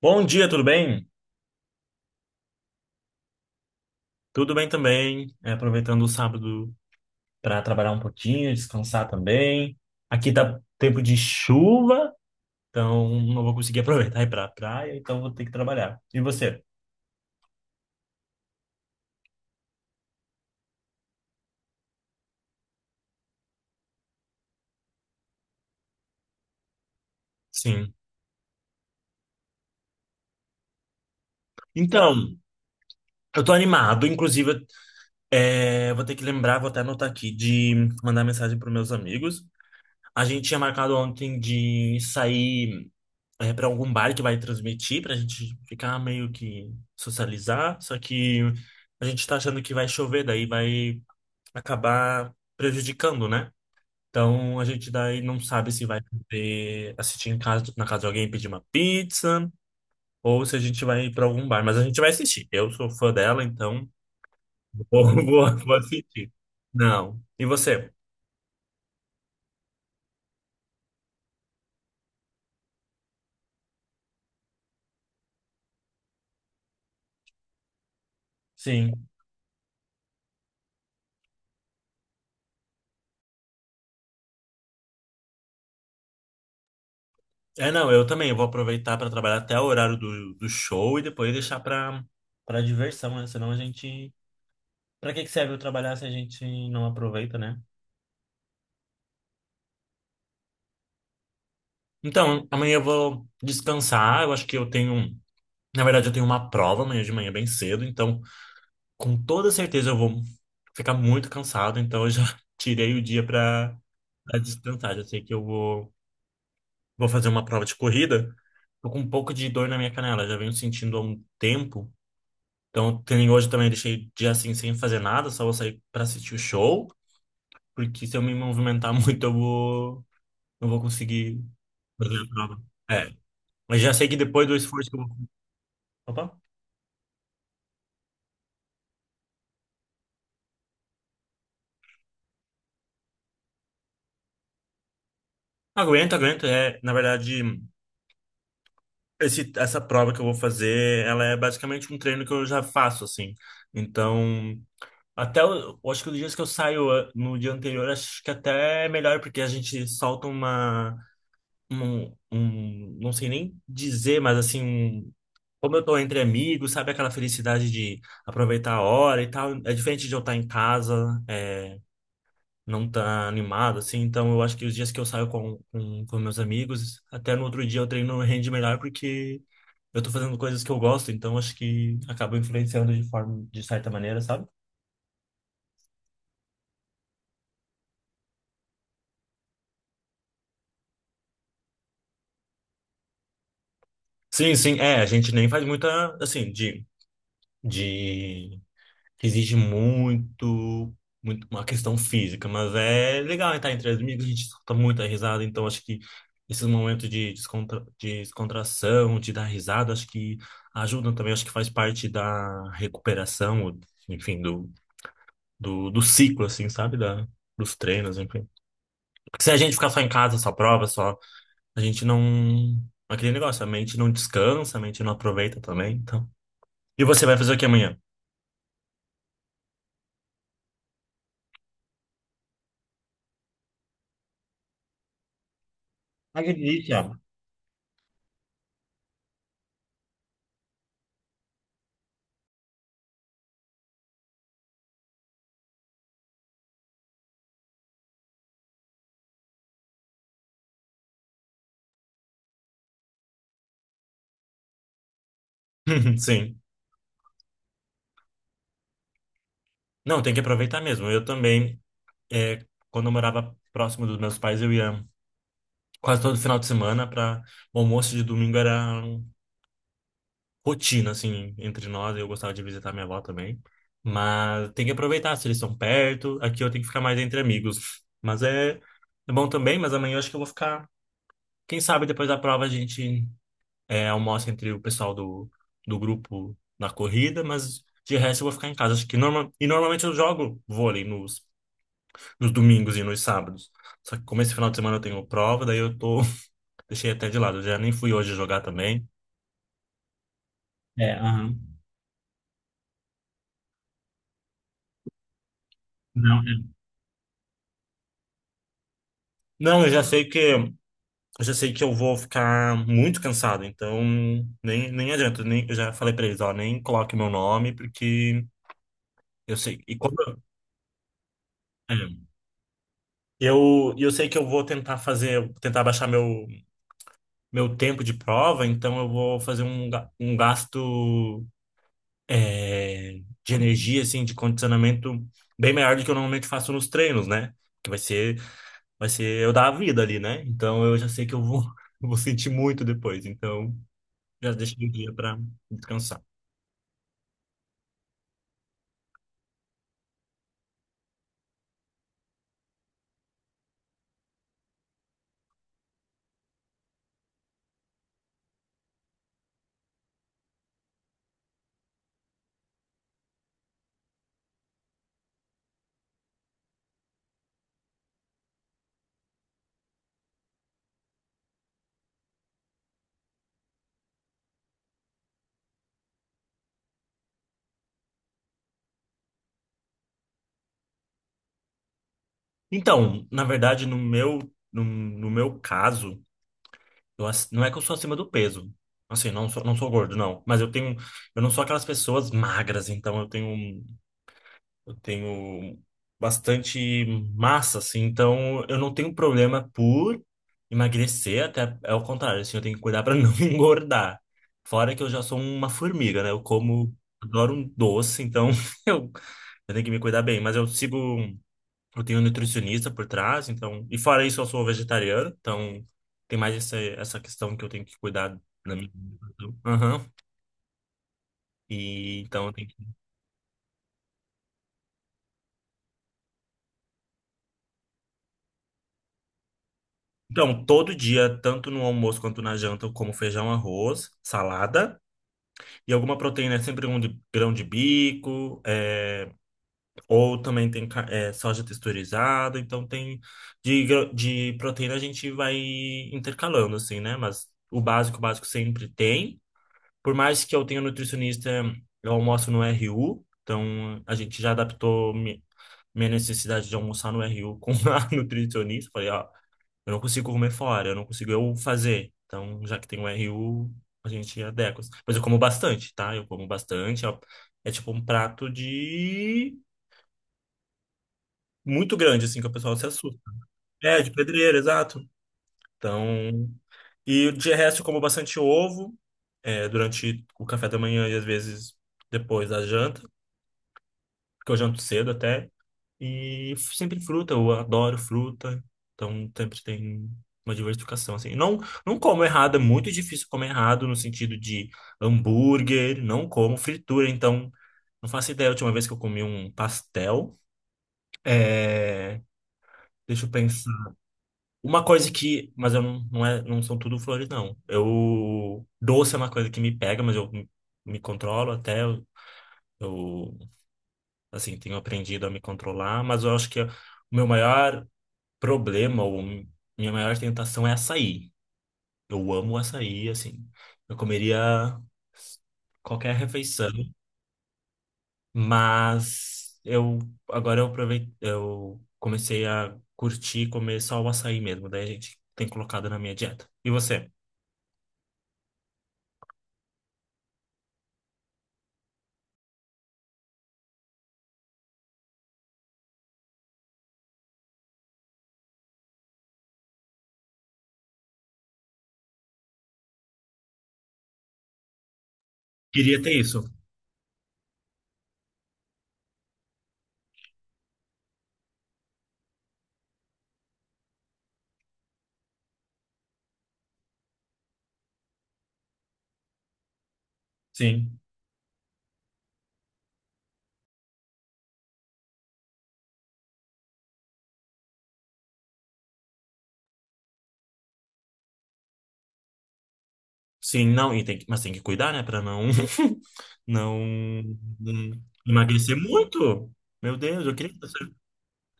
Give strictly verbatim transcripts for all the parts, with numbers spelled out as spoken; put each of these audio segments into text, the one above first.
Bom dia, tudo bem? Tudo bem também. É, aproveitando o sábado para trabalhar um pouquinho, descansar também. Aqui tá tempo de chuva, então não vou conseguir aproveitar e ir pra praia, então vou ter que trabalhar. E você? Sim. Então, eu tô animado, inclusive, é, vou ter que lembrar, vou até anotar aqui, de mandar mensagem para meus amigos. A gente tinha marcado ontem de sair. É, para algum bar que vai transmitir, pra gente ficar meio que socializar. Só que a gente tá achando que vai chover, daí vai acabar prejudicando, né? Então a gente daí não sabe se vai poder assistir em casa, na casa de alguém pedir uma pizza. Ou se a gente vai ir pra algum bar, mas a gente vai assistir. Eu sou fã dela, então vou, vou, vou assistir. Não. E você? Sim. É, não, eu também. Eu vou aproveitar para trabalhar até o horário do, do show e depois deixar para para diversão, né? Senão a gente. Para que que serve eu trabalhar se a gente não aproveita, né? Então, amanhã eu vou descansar. Eu acho que eu tenho. Na verdade, eu tenho uma prova amanhã de manhã bem cedo. Então, com toda certeza, eu vou ficar muito cansado. Então, eu já tirei o dia para descansar. Já sei que eu vou, vou fazer uma prova de corrida. Tô com um pouco de dor na minha canela. Já venho sentindo há um tempo. Então, que nem hoje também eu deixei dia assim sem fazer nada, só vou sair pra assistir o show, porque se eu me movimentar muito eu vou não vou conseguir fazer a prova. É, mas já sei que depois do esforço que eu vou... Opa. Aguento, aguento. É, na verdade, esse, essa prova que eu vou fazer, ela é basicamente um treino que eu já faço, assim. Então, até, o- eu acho que os dias que eu saio ah, no dia anterior, acho que até é melhor, porque a gente solta uma um, um, não sei nem dizer, mas assim, um- como eu tô entre amigos, sabe aquela felicidade de aproveitar a hora e tal, é diferente de eu estar em casa, é, não tá animado, assim, então eu acho que os dias que eu saio com, com, com meus amigos, até no outro dia eu treino rende melhor porque eu tô fazendo coisas que eu gosto, então acho que acaba influenciando de forma, de certa maneira, sabe? Sim, sim, é, a gente nem faz muita, assim, de, de exige muito, muito uma questão física, mas é legal estar entre amigos, a gente solta muita risada, então acho que esses momentos de descontra, de descontração, de dar risada, acho que ajudam também, acho que faz parte da recuperação, enfim, do, do, do ciclo, assim, sabe? Da, dos treinos, enfim. Porque se a gente ficar só em casa, só prova, só, a gente não. Aquele negócio, a mente não descansa, a mente não aproveita também, então. E você vai fazer o que amanhã? Acredite, ó. Sim. Não, tem que aproveitar mesmo. Eu também, é, quando eu morava próximo dos meus pais, eu ia quase todo final de semana para o almoço de domingo era rotina, assim, entre nós. Eu gostava de visitar minha avó também. Mas tem que aproveitar, se eles estão perto. Aqui eu tenho que ficar mais entre amigos. Mas é, é bom também, mas amanhã eu acho que eu vou ficar. Quem sabe depois da prova a gente é, almoça entre o pessoal do, do grupo na corrida, mas de resto eu vou ficar em casa. Acho que norma... E normalmente eu jogo vôlei no nos domingos e nos sábados. Só que como esse final de semana eu tenho prova, daí eu tô. Deixei até de lado. Eu já nem fui hoje jogar também. É, aham. Não, é- Não, eu já sei que eu já sei que eu vou ficar muito cansado, então nem, nem adianta, nem, eu já falei pra eles, ó, nem coloque meu nome, porque eu sei. E como eu, é, eu, e eu sei que eu vou tentar fazer, tentar baixar meu, meu tempo de prova, então eu vou fazer um, ga- um gasto. É, de energia, assim, de condicionamento bem maior do que eu normalmente faço nos treinos, né? Que vai ser, vai ser eu dar a vida ali, né? Então eu já sei que eu vou, eu vou sentir muito depois. Então já deixei o dia para descansar. Então, na verdade, no meu, no, no meu caso, eu, ac- não é que eu sou acima do peso. Assim, não sou, não sou gordo, não. Mas eu tenho, eu não sou aquelas pessoas magras, então eu tenho. Um Eu tenho bastante massa, assim, então eu não tenho problema por emagrecer, até é o contrário, assim, eu tenho que cuidar para não engordar. Fora que eu já sou uma formiga, né? Eu como, adoro um doce, então eu, eu tenho que me cuidar bem. Mas eu sigo, eu tenho um nutricionista por trás, então. E fora isso, eu sou vegetariano, então tem mais essa, essa questão que eu tenho que cuidar. Aham. E então. Então, todo dia, tanto no almoço quanto na janta, eu como feijão, arroz, salada e alguma proteína, é sempre um de- grão de bico, é, ou também tem ca- é, soja texturizada. Então, tem de, gra- de proteína a gente vai intercalando, assim, né? Mas o básico, o básico sempre tem. Por mais que eu tenha nutricionista, eu almoço no R U, então a gente já adaptou mi- minha necessidade de almoçar no R U com a nutricionista. Falei, ó. Eu não consigo comer fora, eu não consigo eu fazer. Então, já que tem o R U, a gente adequa. Mas eu como bastante, tá? Eu como bastante. É, é tipo um prato de... Muito grande, assim, que o pessoal se assusta. É, de pedreiro, exato. Então... E de resto, eu como bastante ovo, é, durante o café da manhã e às vezes depois da janta. Porque eu janto cedo até. E f- sempre fruta, eu adoro fruta. Então sempre tem uma diversificação, assim. Não, não como errado, é muito difícil comer errado no sentido de hambúrguer, não como fritura, então não faço ideia. A última vez que eu comi um pastel, é... deixa eu pensar. Uma coisa que, mas eu não, não é, não são tudo flores, não. Eu, doce é uma coisa que me pega, mas eu me me controlo até, eu assim, tenho aprendido a me controlar, mas eu acho que o meu maior problema, ou minha maior tentação é açaí. Eu amo açaí, assim. Eu comeria qualquer refeição, mas eu agora eu aproveitei, eu comecei a curtir comer só o açaí mesmo, daí a gente tem colocado na minha dieta. E você? Queria ter isso. Sim. Sim, não, e tem que- mas tem que cuidar, né, pra não não não emagrecer muito. Meu Deus, eu queria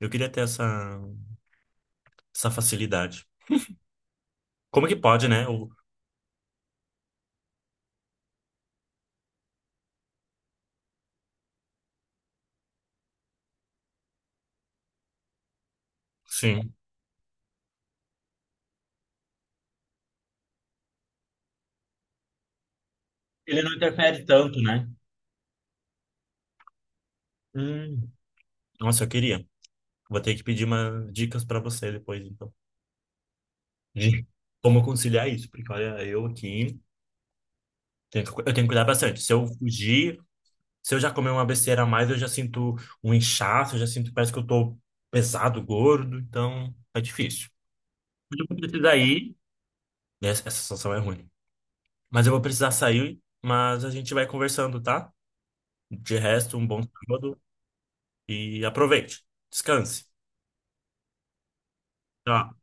Eu queria ter essa, essa facilidade. Como que pode, né? O, sim. Ele não interfere tanto, né? Hum, nossa, eu queria. Vou ter que pedir umas dicas para você depois, então. De como conciliar isso, porque olha, eu aqui tenho que, cu- eu tenho que cuidar bastante. Se eu fugir, se eu já comer uma besteira a mais, eu já sinto um inchaço, eu já sinto, parece que eu tô pesado, gordo, então é difícil. Mas eu vou precisar ir. Essa, essa situação é ruim. Mas eu vou precisar sair, mas a gente vai conversando, tá? De resto, um bom sábado. E aproveite. Descanse. Tchau.